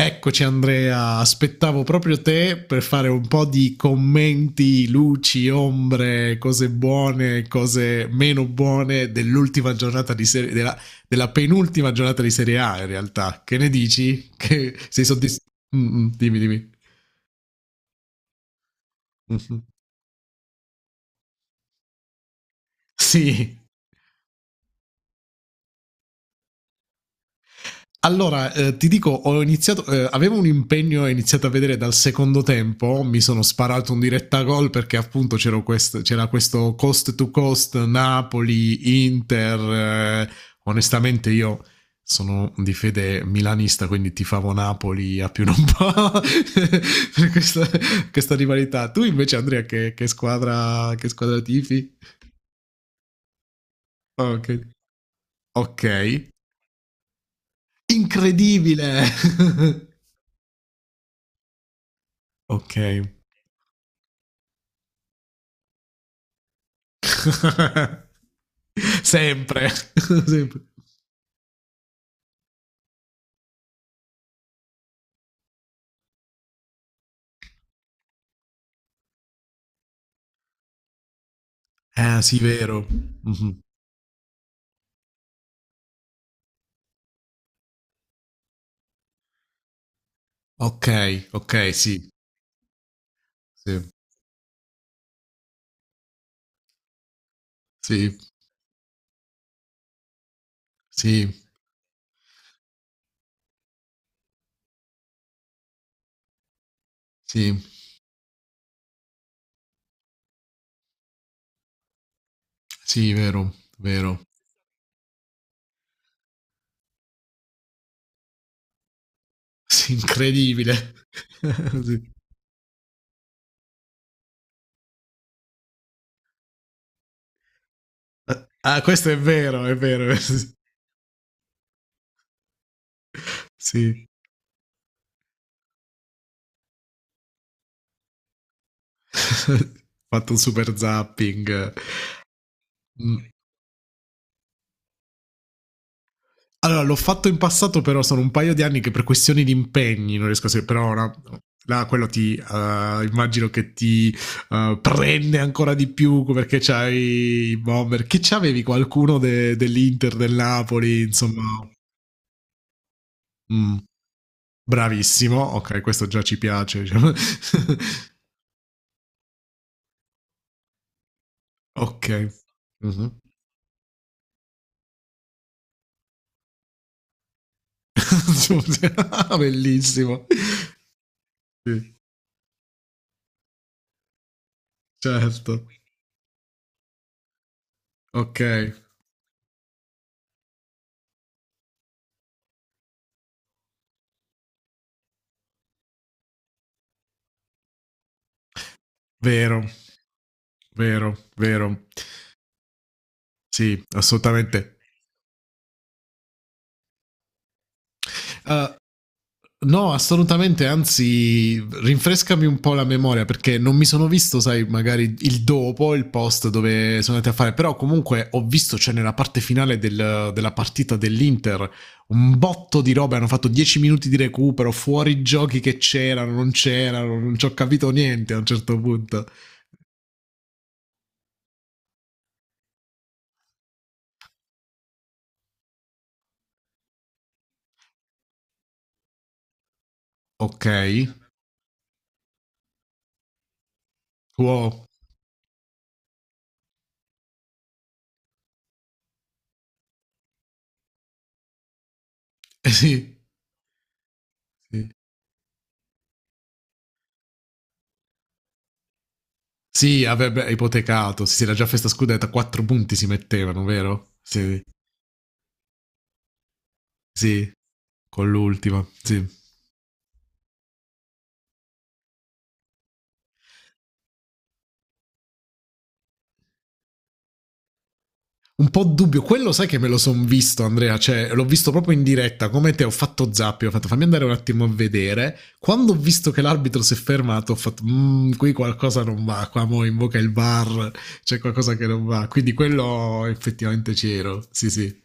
Eccoci Andrea, aspettavo proprio te per fare un po' di commenti, luci, ombre, cose buone, cose meno buone dell'ultima giornata di serie della penultima giornata di Serie A in realtà. Che ne dici? Che sei soddisfatto? Mm, mm, dimmi, dimmi. Sì. Allora, ti dico, ho iniziato, avevo un impegno e ho iniziato a vedere dal secondo tempo, mi sono sparato un diretta gol perché appunto c'era, c'era questo cost to cost Napoli, Inter, onestamente io sono di fede milanista, quindi tifavo Napoli a più non po'. Per questa rivalità. Tu invece Andrea che squadra tifi? Ok, ok, incredibile! Ok. Sempre. Sempre. Ah, sì, vero. Mhm. Ok, ok, sì, sì, sì, sì, sì, sì, vero, vero. Sì, incredibile. Sì. Ah, questo è vero, è vero. Sì. Ho fatto un super zapping. Mm. Allora, l'ho fatto in passato, però sono un paio di anni che per questioni di impegni non riesco a seguire, però ora là quello ti immagino che ti prende ancora di più perché c'hai i bomber che c'avevi qualcuno de- dell'Inter del Napoli insomma. Mm. Bravissimo, ok, questo già ci piace diciamo. Ok. Mhm. Bellissimo. Sì, certo. Ok. Vero, vero, vero. Sì, assolutamente. Uh, no, assolutamente, anzi, rinfrescami un po' la memoria perché non mi sono visto, sai, magari il dopo, il post dove sono andati a fare, però comunque ho visto, cioè nella parte finale della partita dell'Inter, un botto di robe, hanno fatto 10 minuti di recupero, fuori giochi che c'erano, non ci ho capito niente a un certo punto. Ok, wow, eh sì, sì. Sì, avrebbe ipotecato. Sì, sì, la già festa scudetta, 4 punti si mettevano, vero? Sì, sì, con l'ultima, sì. Un po' dubbio, quello sai che me lo son visto Andrea, cioè l'ho visto proprio in diretta, come te ho fatto zappio, ho fatto fammi andare un attimo a vedere, quando ho visto che l'arbitro si è fermato ho fatto mmm, qui qualcosa non va, qua mo invoca il bar, c'è qualcosa che non va, quindi quello effettivamente c'ero, sì sì.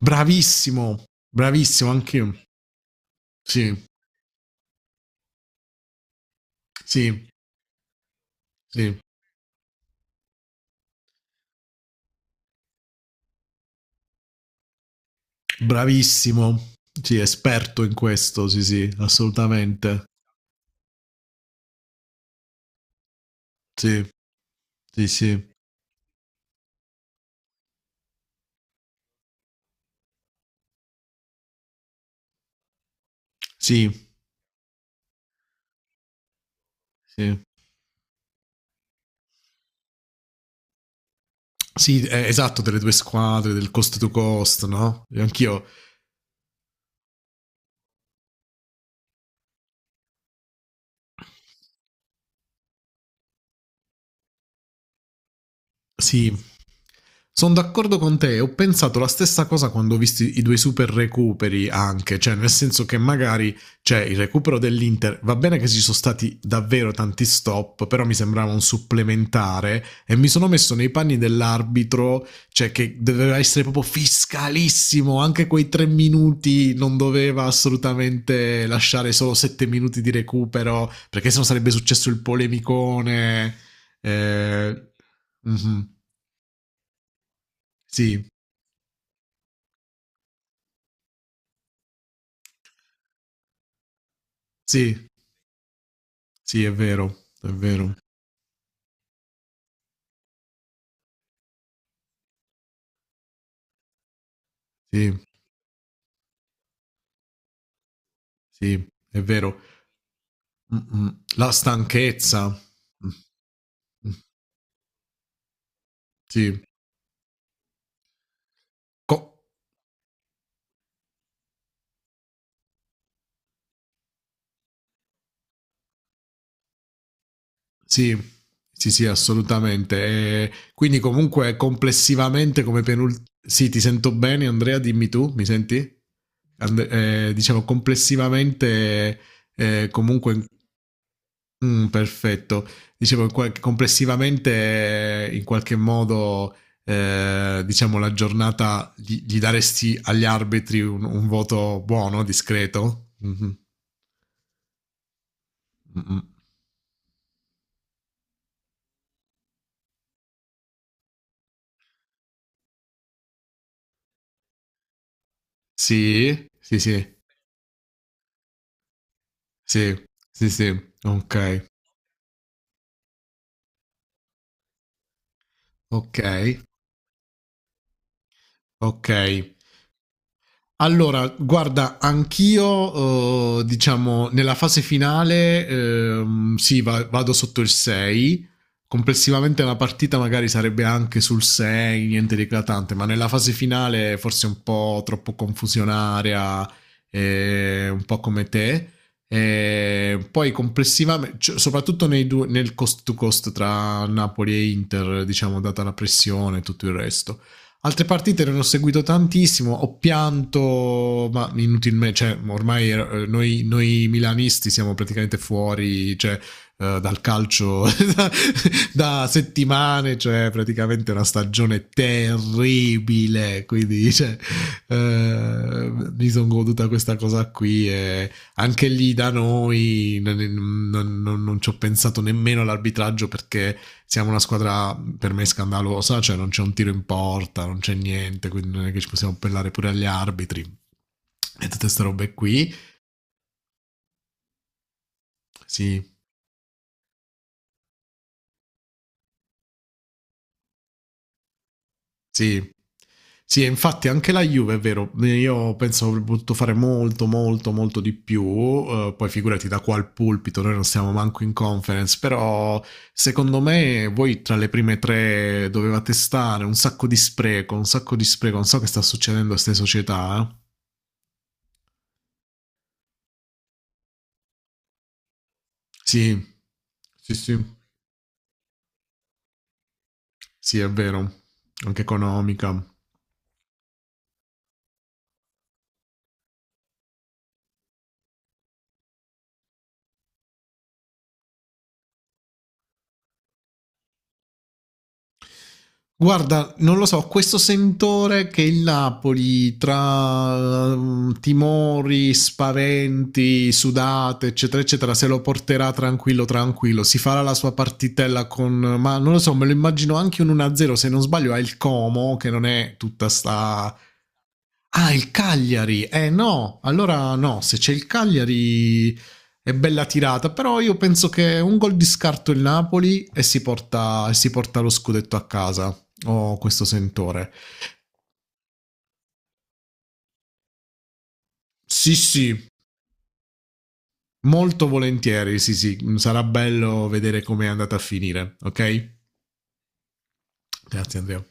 Bravissimo, bravissimo anche io, sì, sì, sì. Bravissimo. Sì, esperto in questo, sì, sì, assolutamente. Sì, sì, sì. Sì, sì. Sì, esatto, delle due squadre, del cost to cost, no? E anch'io. Sì, sono d'accordo con te. Ho pensato la stessa cosa quando ho visto i due super recuperi anche, cioè nel senso che magari c'è il recupero dell'Inter. Va bene che ci sono stati davvero tanti stop, però mi sembrava un supplementare e mi sono messo nei panni dell'arbitro, cioè che doveva essere proprio fiscalissimo. Anche quei 3 minuti non doveva assolutamente lasciare solo 7 minuti di recupero, perché sennò sarebbe successo il polemicone. Eh, mhm. Sì, sì, sì, è vero, sì, sì, è vero. Mm, mm. La stanchezza, mm, mm, sì, Co- sì, sì, sì, assolutamente. E quindi comunque complessivamente come penultimo... Sì, ti sento bene, Andrea, dimmi tu, mi senti? Diciamo complessivamente, comunque mm, perfetto. Dicevo che complessivamente, in qualche modo, diciamo, la giornata gli daresti agli arbitri un voto buono, discreto? Mhm. Mm-mm. Sì, sì, sì, sì, sì, sì. Ok, ok, ok. Allora, guarda, anch'io, diciamo, nella fase finale, sì, vado sotto il 6. Complessivamente la partita magari sarebbe anche sul 6, niente di eclatante, ma nella fase finale forse un po' troppo confusionaria, un po' come te. E poi complessivamente, cioè, soprattutto nel cost to cost tra Napoli e Inter, diciamo, data la pressione e tutto il resto. Altre partite non ho seguito tantissimo, ho pianto, ma inutilmente, cioè ormai noi milanisti siamo praticamente fuori cioè, dal calcio da, da settimane, cioè praticamente una stagione terribile, quindi cioè, eh, mi sono goduta questa cosa qui e anche lì da noi non ci ho pensato nemmeno all'arbitraggio perché siamo una squadra per me scandalosa, cioè non c'è un tiro in porta, non c'è niente, quindi non è che ci possiamo appellare pure agli arbitri e tutte queste robe qui. Sì, sì. Sì, infatti anche la Juve è vero, io penso avrebbe potuto fare molto, molto, molto di più, poi figurati da qua al pulpito, noi non siamo manco in conference, però secondo me voi tra le prime tre dovevate stare, un sacco di spreco, un sacco di spreco, non so che sta succedendo a queste società, eh. Sì, sì, sì, sì, è vero, anche economica. Guarda, non lo so, questo sentore che il Napoli tra timori, spaventi, sudate, eccetera, eccetera, se lo porterà tranquillo, tranquillo, si farà la sua partitella con... Ma non lo so, me lo immagino anche un 1-0, se non sbaglio ha il Como, che non è tutta sta... Ah, il Cagliari. Eh no, allora no, se c'è il Cagliari è bella tirata, però io penso che un gol di scarto il Napoli e si porta lo scudetto a casa. Ho oh, questo sentore. Sì, sì, molto volentieri, sì, sì, sarà bello vedere come è andata a finire, ok? Grazie Andrea.